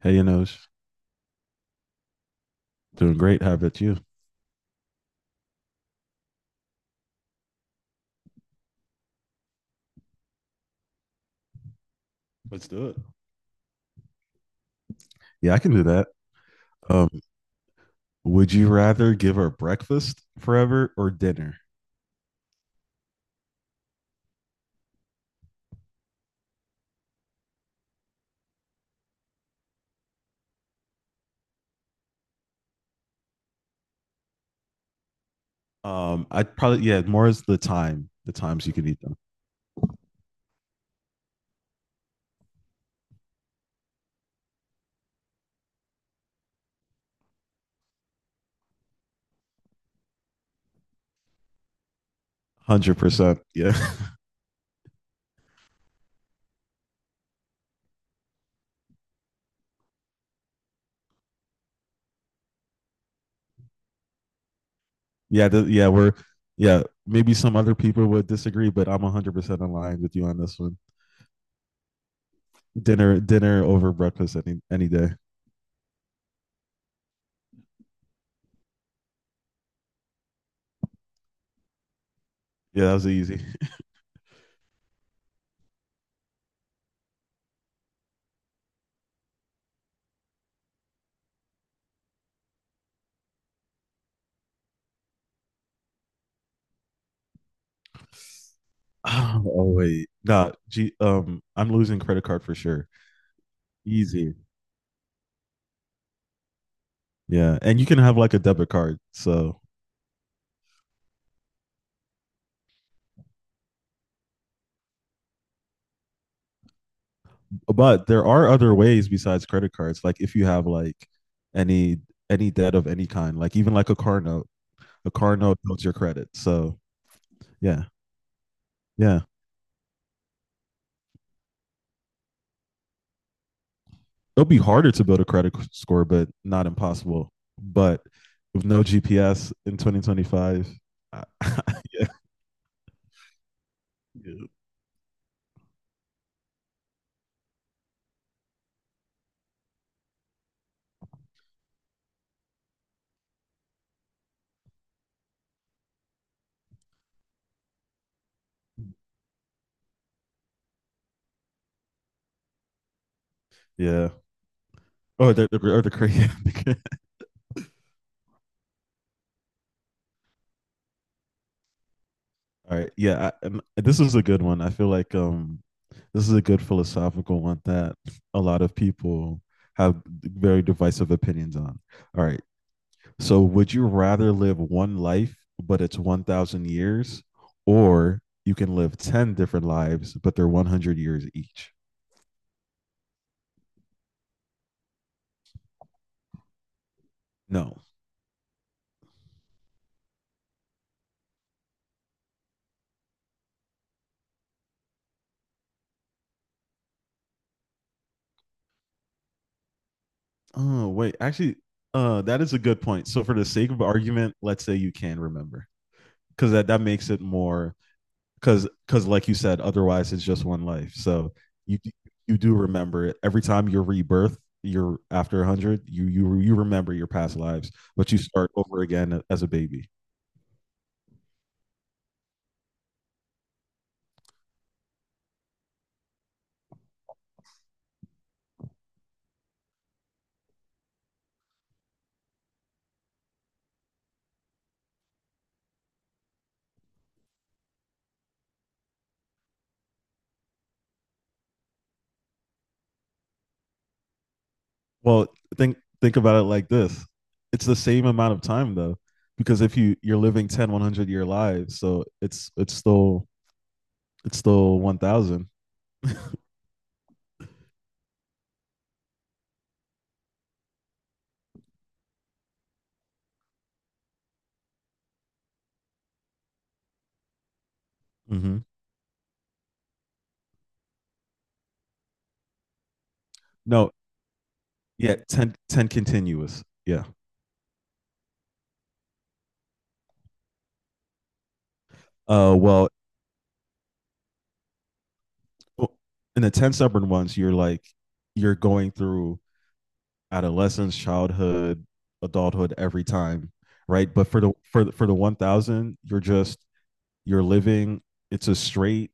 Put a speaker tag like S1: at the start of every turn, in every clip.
S1: Hey, Inosh, doing great. How about you? Let's do it. Yeah, I can do that. Um, would you rather give her breakfast forever or dinner? I'd probably yeah, more is the times you can eat them. 100%. Yeah, yeah, yeah. We're yeah. Maybe some other people would disagree, but I'm 100% in line with you on this one. Dinner, dinner over breakfast any day. Yeah, that was easy. Oh, wait, nah. I'm losing credit card for sure. Easy. Yeah, and you can have like a debit card. So, but there are other ways besides credit cards. Like if you have like any any debt of any kind, like even like a car note builds your credit. So, yeah, yeah, it'll be harder to build a credit score, but not impossible. But with no GPS in 2025, I, yeah, yeah. Yeah. Or the crazy. All right. Yeah. And this is a good one. I feel like this is a good philosophical one that a lot of people have very divisive opinions on. All right. So, would you rather live one life, but it's 1,000 years, or you can live 10 different lives, but they're 100 years each? No. Oh, wait. Actually, that is a good point. So for the sake of argument, let's say you can remember. Because that makes it more, because like you said, otherwise it's just one life. So you d- you do remember it. Every time you're rebirth, you're after 100, you remember your past lives, but you start over again as a baby. Well, think about it like this. It's the same amount of time though, because if you're living 10, 100-year lives, so it's still 1000. Mhm. No, yeah, ten continuous. Yeah. Well, in the 10 stubborn ones, you're like, you're going through adolescence, childhood, adulthood every time, right? But for the 1000, you're just you're living, it's a straight,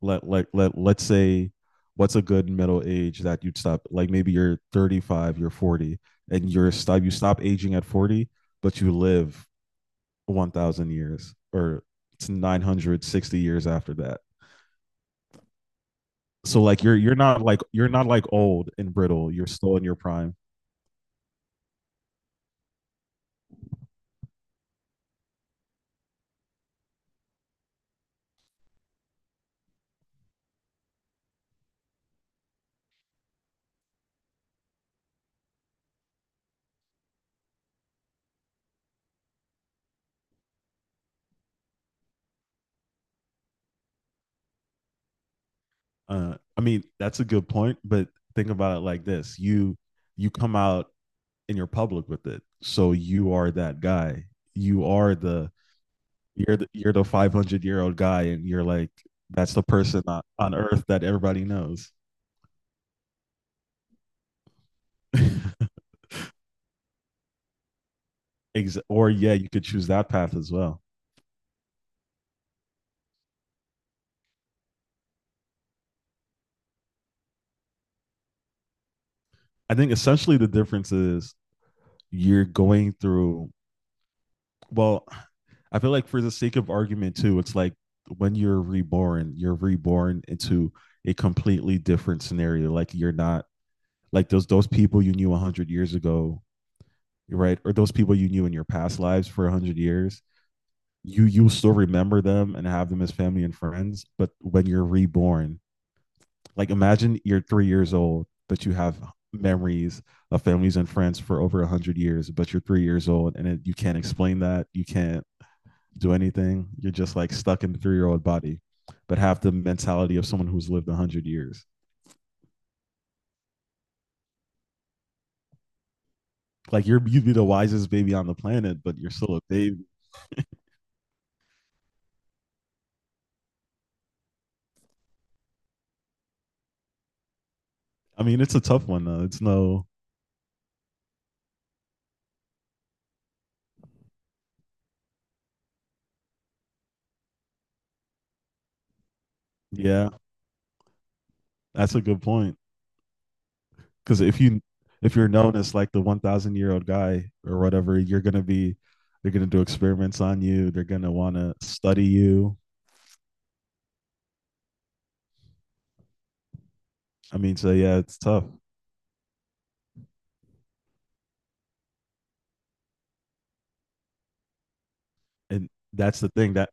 S1: let's say what's a good middle age that you'd stop, like maybe you're 35, you're 40, and you stop aging at 40, but you live 1000 years, or it's 960 years after that. So like you're not like old and brittle. You're still in your prime. I mean, that's a good point, but think about it like this. You come out and you're public with it. So you are that guy. You are the you're the you're the 500-year-old guy, and you're like that's the person on earth that everybody knows. Or yeah, you could choose that path as well. I think essentially the difference is you're going through well, I feel like for the sake of argument too, it's like when you're reborn into a completely different scenario. Like you're not like those people you knew 100 years ago, right? Or those people you knew in your past lives for 100 years. You still remember them and have them as family and friends, but when you're reborn, like imagine you're 3 years old, but you have memories of families and friends for over 100 years, but you're 3 years old, and you can't explain that, you can't do anything. You're just like stuck in the 3-year old body, but have the mentality of someone who's lived 100 years. Like you'd be the wisest baby on the planet, but you're still a baby. I mean, it's a tough one though. It's no, yeah, that's a good point. Because if you're known as like the 1,000-year old guy or whatever, you're gonna be, they're gonna do experiments on you. They're gonna want to study you. I mean, so yeah, it's tough, and that's the thing that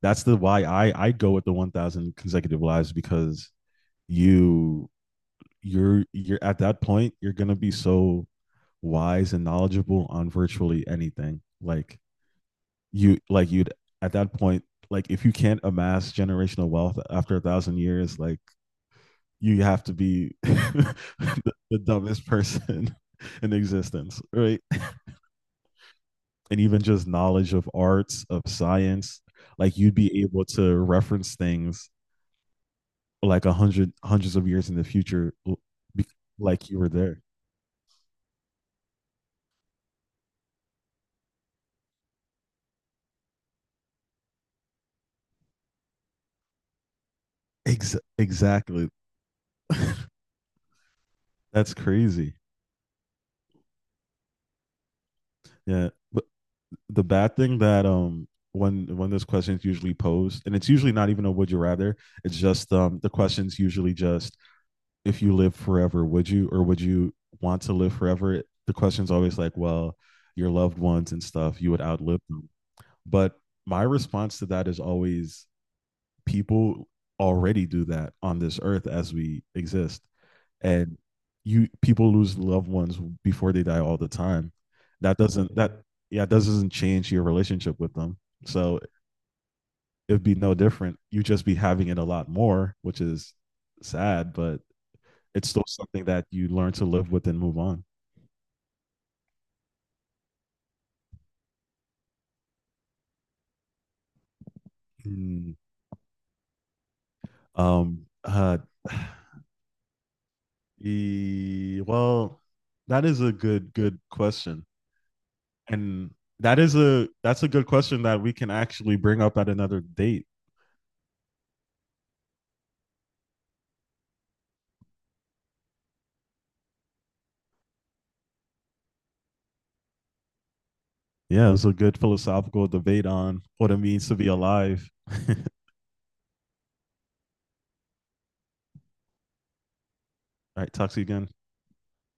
S1: that's the why I go with the 1,000 consecutive lives because you you're at that point you're gonna be so wise and knowledgeable on virtually anything, you'd at that point, like if you can't amass generational wealth after 1,000 years, like you have to be the dumbest person in existence, right? And even just knowledge of arts of science, like you'd be able to reference things like a hundred hundreds of years in the future, like you were there. Exactly. That's crazy. Yeah. But the bad thing that when those questions usually posed, and it's usually not even a would you rather. It's just the questions usually just if you live forever, would you or would you want to live forever? The question's always like, well, your loved ones and stuff, you would outlive them. But my response to that is always people already do that on this earth as we exist, and you people lose loved ones before they die all the time. That doesn't that yeah that doesn't change your relationship with them. So it'd be no different. You just be having it a lot more, which is sad, but it's still something that you learn to live with and move on. Mm, um. Uh. Well, that is a good question, and that's a good question that we can actually bring up at another date. Yeah, it was a good philosophical debate on what it means to be alive. All right, talk to you again.